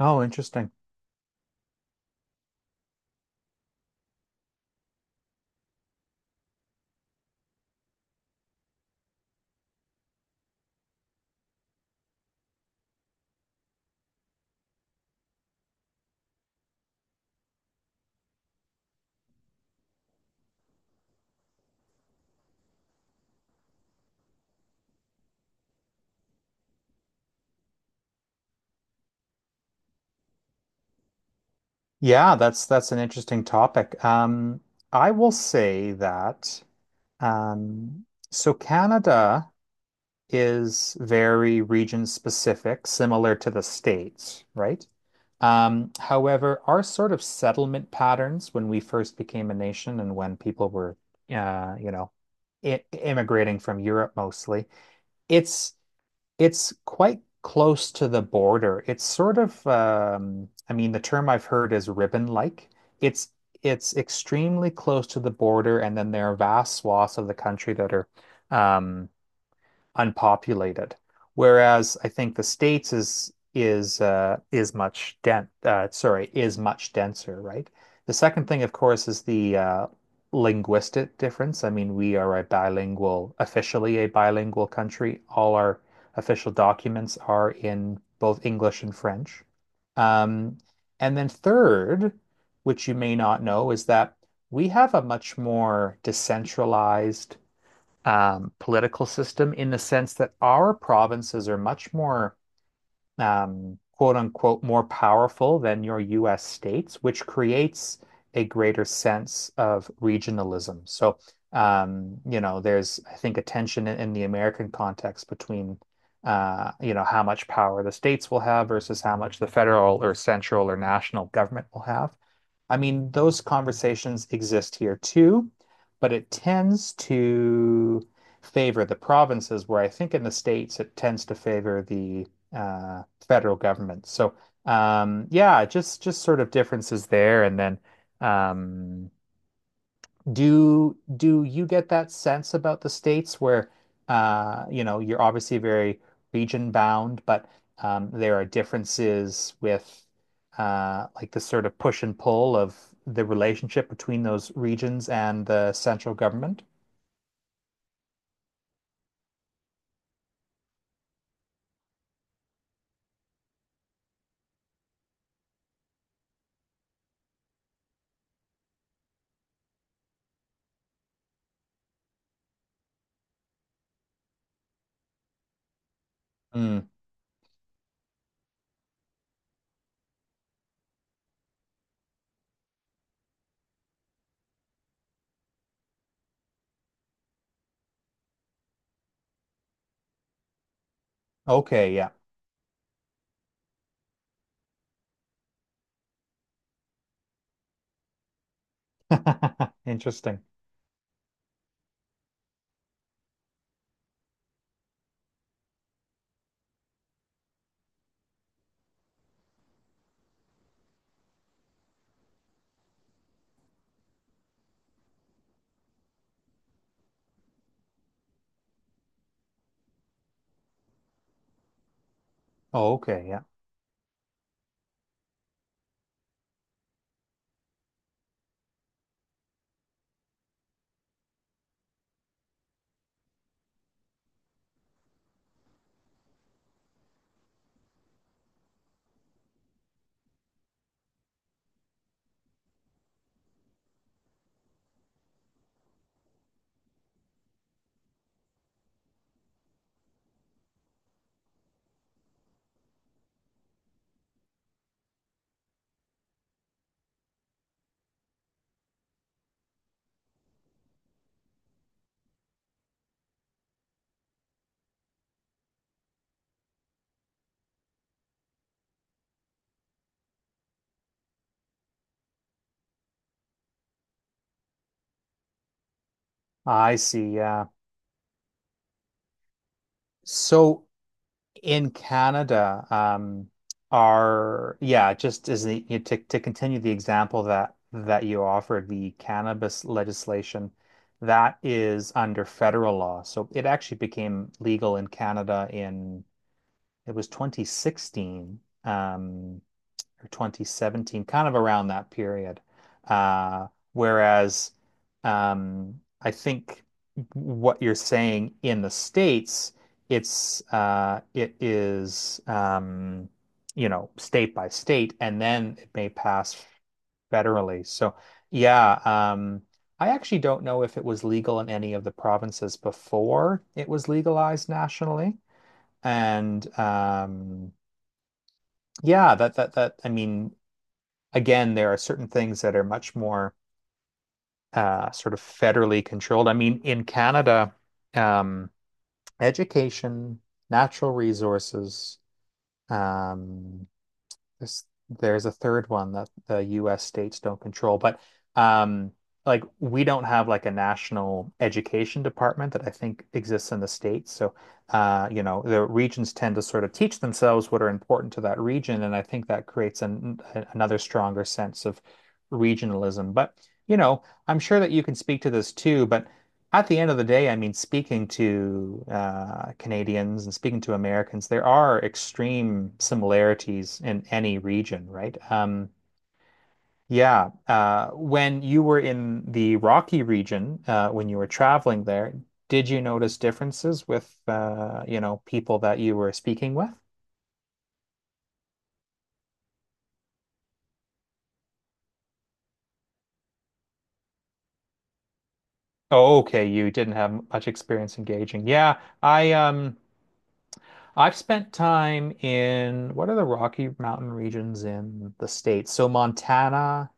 Oh, interesting. Yeah, that's an interesting topic. I will say that um, so Canada is very region specific, similar to the States, right? However, our sort of settlement patterns when we first became a nation and when people were, you know, I immigrating from Europe mostly, it's it's quite close to the border. It's sort of, I mean, the term I've heard is ribbon-like. It's it's extremely close to the border, and then there are vast swaths of the country that are um, unpopulated. Whereas I think the States is much den sorry is much denser, right? The second thing, of course, is the linguistic difference. I mean, we are a bilingual, officially a bilingual country. All our official documents are in both English and French. Um, and then third, which you may not know, is that we have a much more decentralized political system in the sense that our provinces are much more quote unquote more powerful than your US states, which creates a greater sense of regionalism. So, you know, there's, I think, a tension in the American context between, you know, how much power the states will have versus how much the federal or central or national government will have. I mean, those conversations exist here too, but it tends to favor the provinces, where I think in the states it tends to favor the federal government. So, yeah, just sort of differences there, and then um, do you get that sense about the states where you know, you're obviously very region bound, but there are differences with like the sort of push and pull of the relationship between those regions and the central government? Mm, okay, yeah. Interesting. Oh, okay, yeah. I see. Yeah. So in Canada, are yeah, just as the, you know, to continue the example that you offered, the cannabis legislation that is under federal law. So it actually became legal in Canada in it was 2016. Or 2017, kind of around that period. Uh, whereas um, I think what you're saying in the States, it's it is you know, state by state, and then it may pass federally. So yeah, I actually don't know if it was legal in any of the provinces before it was legalized nationally, and yeah, that that that I mean again, there are certain things that are much more sort of federally controlled. I mean, in Canada, um, education, natural resources, um, there's a third one that the US states don't control, but um like we don't have like a national education department that I think exists in the states. So you know, the regions tend to sort of teach themselves what are important to that region, and I think that creates an, another stronger sense of regionalism. But you know, I'm sure that you can speak to this too, but at the end of the day, I mean, speaking to Canadians and speaking to Americans, there are extreme similarities in any region, right? Yeah. When you were in the Rocky region, when you were traveling there, did you notice differences with, you know, people that you were speaking with? Oh, okay. You didn't have much experience engaging. Yeah. I, I've spent time in what are the Rocky Mountain regions in the States? So Montana,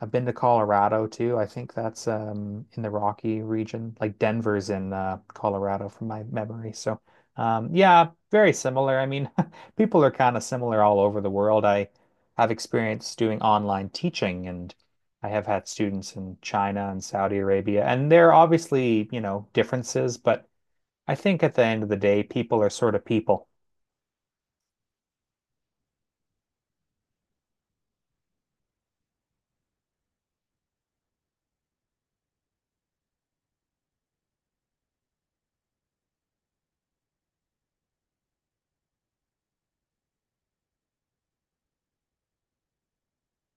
I've been to Colorado too. I think that's in the Rocky region. Like Denver's in Colorado from my memory. So yeah, very similar. I mean, people are kind of similar all over the world. I have experience doing online teaching, and I have had students in China and Saudi Arabia, and there are obviously, you know, differences, but I think at the end of the day, people are sort of people.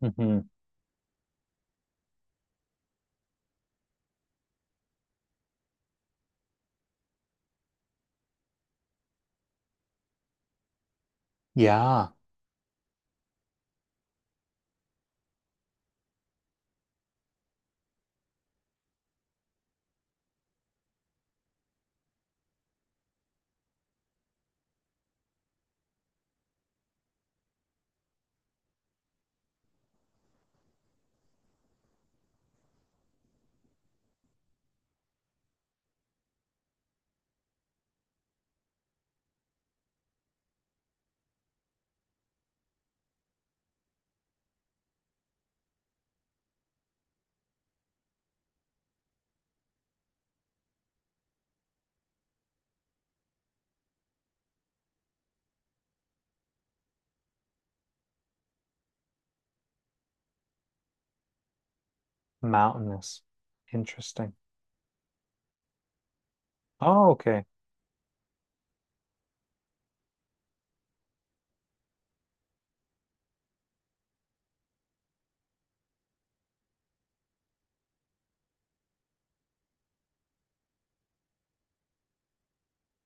Hmm. Yeah, mountainous. Interesting. Oh, okay.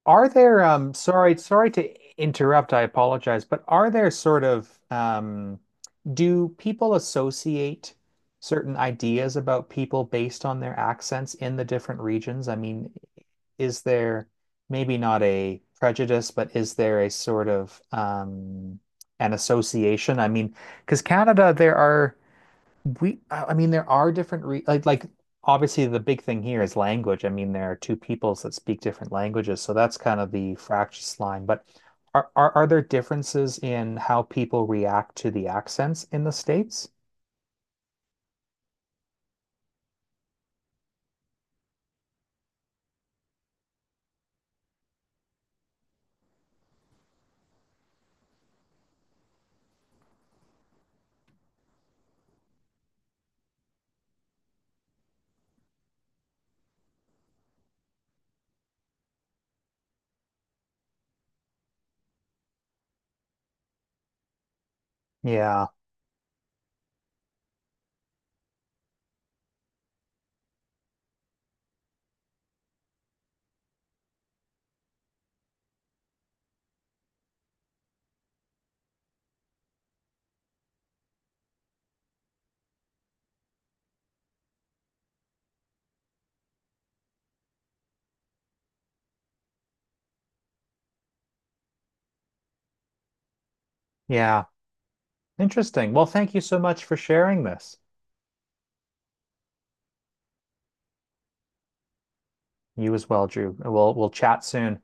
Are there sorry, sorry to interrupt, I apologize, but are there sort of do people associate certain ideas about people based on their accents in the different regions? I mean, is there maybe not a prejudice, but is there a sort of an association? I mean, because Canada, there are I mean, there are different re like obviously the big thing here is language. I mean, there are two peoples that speak different languages, so that's kind of the fractious line. But are there differences in how people react to the accents in the States? Yeah, yeah. Interesting. Well, thank you so much for sharing this. You as well, Drew. We'll chat soon.